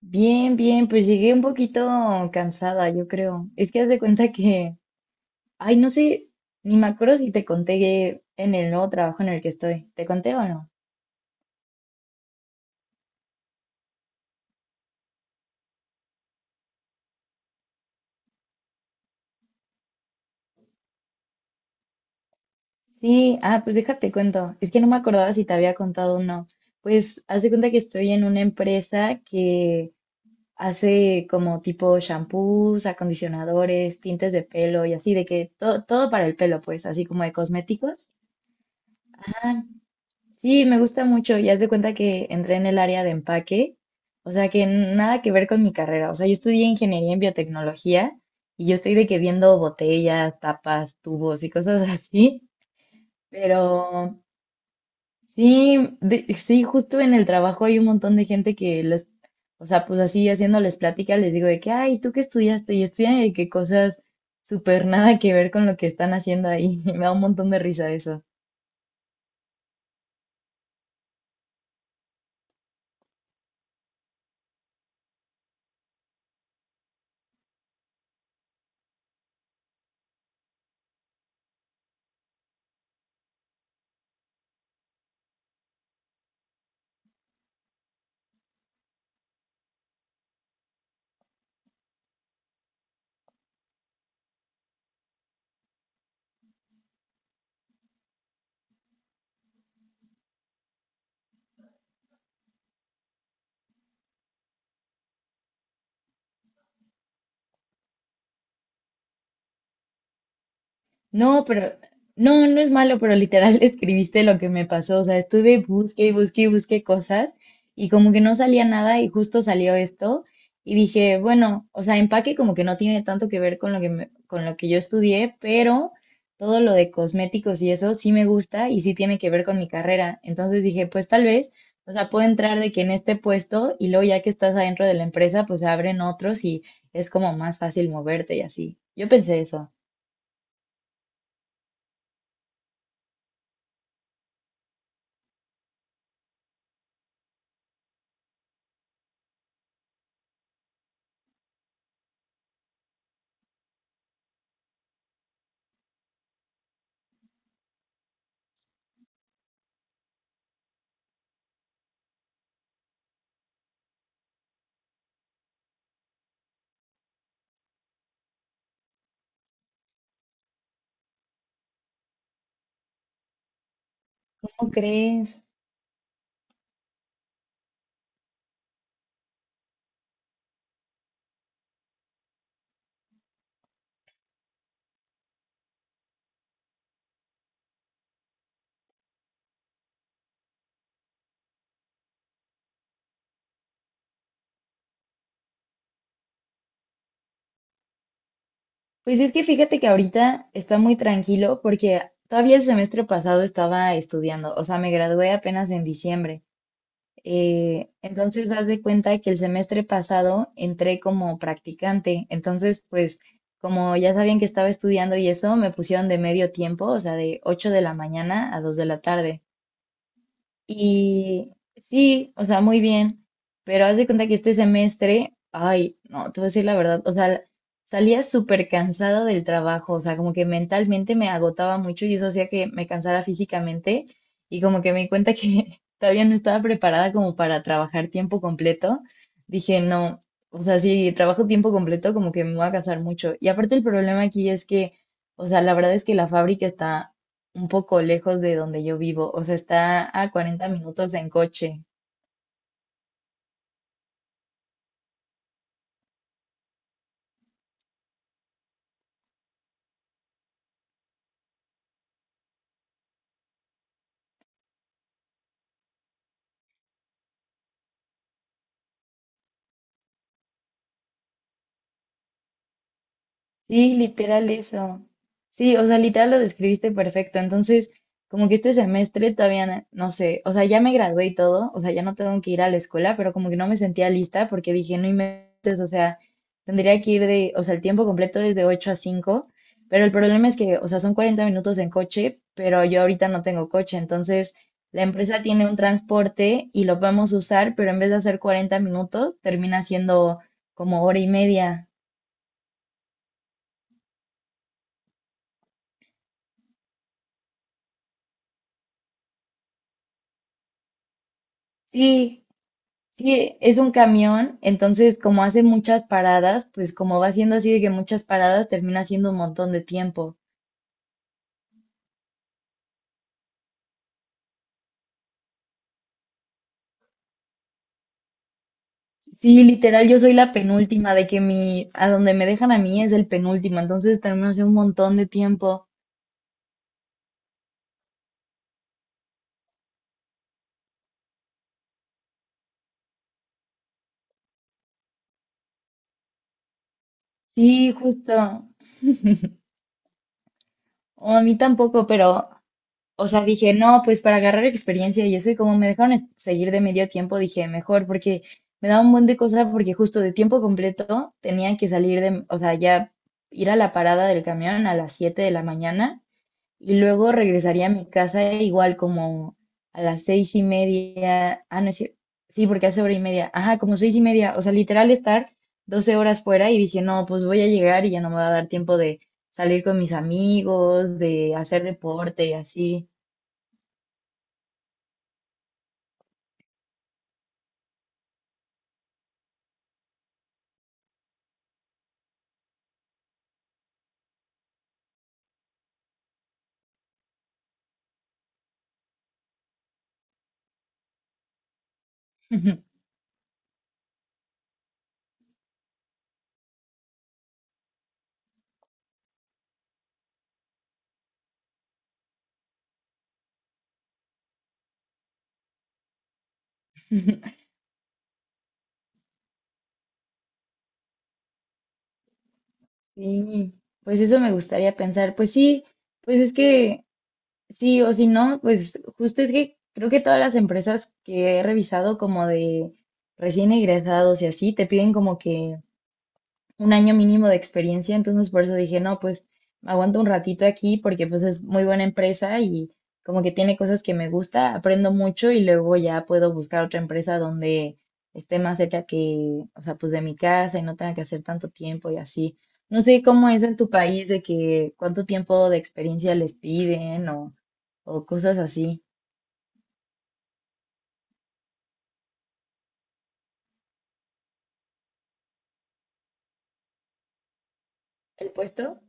Bien, bien, pues llegué un poquito cansada, yo creo. Es que haz de cuenta que, ay, no sé, ni me acuerdo si te conté que en el nuevo trabajo en el que estoy. ¿Te conté o no? Sí, ah, pues déjate cuento. Es que no me acordaba si te había contado o no. Pues haz de cuenta que estoy en una empresa que hace como tipo shampoos, acondicionadores, tintes de pelo y así, de que todo, todo para el pelo, pues, así como de cosméticos. Ah, sí, me gusta mucho y haz de cuenta que entré en el área de empaque, o sea que nada que ver con mi carrera, o sea, yo estudié ingeniería en biotecnología y yo estoy de que viendo botellas, tapas, tubos y cosas así, pero sí, sí, justo en el trabajo hay un montón de gente que les, o sea, pues así haciéndoles plática les digo de que, ay, ¿tú qué estudiaste? Y estudian de que cosas súper nada que ver con lo que están haciendo ahí. Me da un montón de risa eso. No, pero no, no es malo, pero literal escribiste lo que me pasó. O sea, estuve busque y busque y busque cosas y como que no salía nada y justo salió esto y dije, bueno, o sea, empaque como que no tiene tanto que ver con con lo que yo estudié, pero todo lo de cosméticos y eso sí me gusta y sí tiene que ver con mi carrera. Entonces dije, pues tal vez, o sea, puedo entrar de que en este puesto y luego ya que estás adentro de la empresa, pues se abren otros y es como más fácil moverte y así. Yo pensé eso. ¿Cómo crees? Pues es que fíjate que ahorita está muy tranquilo porque todavía el semestre pasado estaba estudiando, o sea, me gradué apenas en diciembre. Entonces, haz de cuenta que el semestre pasado entré como practicante, entonces, pues, como ya sabían que estaba estudiando y eso, me pusieron de medio tiempo, o sea, de 8 de la mañana a 2 de la tarde. Y sí, o sea, muy bien, pero haz de cuenta que este semestre, ay, no, te voy a decir la verdad, o sea, salía súper cansada del trabajo, o sea, como que mentalmente me agotaba mucho y eso hacía que me cansara físicamente y como que me di cuenta que todavía no estaba preparada como para trabajar tiempo completo. Dije, no, o sea, si trabajo tiempo completo, como que me voy a cansar mucho. Y aparte el problema aquí es que, o sea, la verdad es que la fábrica está un poco lejos de donde yo vivo, o sea, está a 40 minutos en coche. Sí, literal eso. Sí, o sea, literal lo describiste perfecto. Entonces, como que este semestre todavía no sé, o sea, ya me gradué y todo, o sea, ya no tengo que ir a la escuela, pero como que no me sentía lista porque dije, no inventes, o sea, tendría que ir de, o sea, el tiempo completo es de 8 a 5, pero el problema es que, o sea, son 40 minutos en coche, pero yo ahorita no tengo coche, entonces la empresa tiene un transporte y lo podemos usar, pero en vez de hacer 40 minutos, termina siendo como hora y media. Sí, sí, es un camión, entonces como hace muchas paradas, pues como va siendo así de que muchas paradas, termina siendo un montón de tiempo. Sí, literal, yo soy la penúltima, de que mi, a donde me dejan a mí es el penúltimo, entonces termino hace un montón de tiempo. Sí, justo. O a mí tampoco, pero o sea, dije, no, pues para agarrar experiencia y eso, y como me dejaron seguir de medio tiempo, dije, mejor, porque me daba un buen de cosas, porque justo de tiempo completo tenía que salir de, o sea, ya ir a la parada del camión a las 7 de la mañana y luego regresaría a mi casa igual como a las 6 y media, ah, no es cier- sí, porque hace hora y media, ajá, como 6 y media, o sea, literal estar 12 horas fuera y dije, no, pues voy a llegar y ya no me va a dar tiempo de salir con mis amigos, de hacer deporte y así. Ujú. Sí, pues eso me gustaría pensar. Pues sí, pues es que sí o si no, pues justo es que creo que todas las empresas que he revisado como de recién egresados y así, te piden como que un año mínimo de experiencia, entonces por eso dije, no, pues me aguanto un ratito aquí porque pues es muy buena empresa y como que tiene cosas que me gusta, aprendo mucho y luego ya puedo buscar otra empresa donde esté más cerca que, o sea, pues de mi casa y no tenga que hacer tanto tiempo y así. No sé cómo es en tu país de que cuánto tiempo de experiencia les piden o cosas así. ¿El puesto?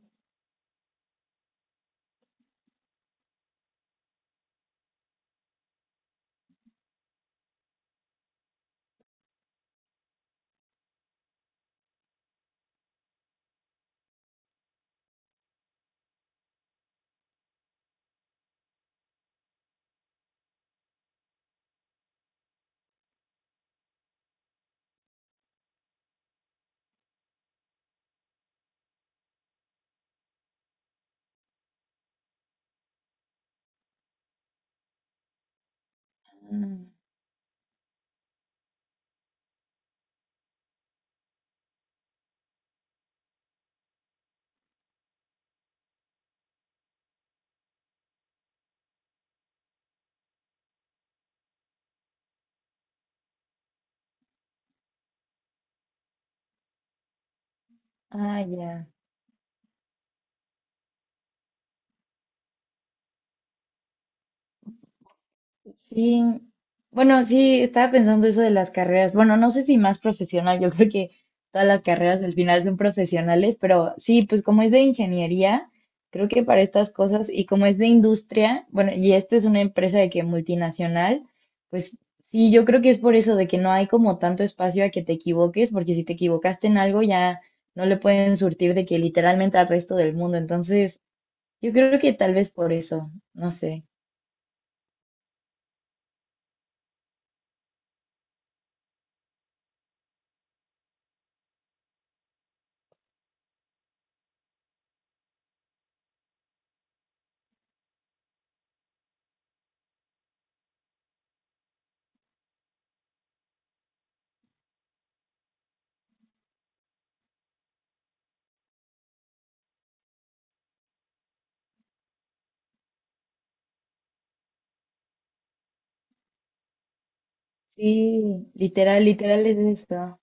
Ah, ah, ya. Sí, bueno, sí, estaba pensando eso de las carreras. Bueno, no sé si más profesional, yo creo que todas las carreras al final son profesionales, pero sí, pues como es de ingeniería, creo que para estas cosas y como es de industria, bueno, y esta es una empresa de que multinacional, pues sí, yo creo que es por eso de que no hay como tanto espacio a que te equivoques, porque si te equivocaste en algo ya no le pueden surtir de que literalmente al resto del mundo. Entonces, yo creo que tal vez por eso, no sé. Sí, literal, literal es esto.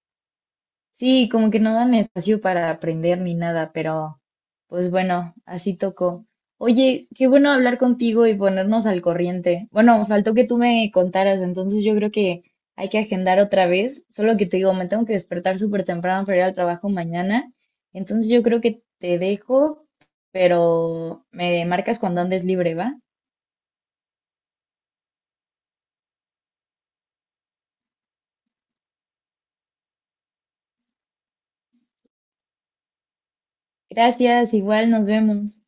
Sí, como que no dan espacio para aprender ni nada, pero pues bueno, así tocó. Oye, qué bueno hablar contigo y ponernos al corriente. Bueno, faltó que tú me contaras, entonces yo creo que hay que agendar otra vez. Solo que te digo, me tengo que despertar súper temprano para ir al trabajo mañana. Entonces yo creo que te dejo, pero me marcas cuando andes libre, ¿va? Gracias, igual nos vemos.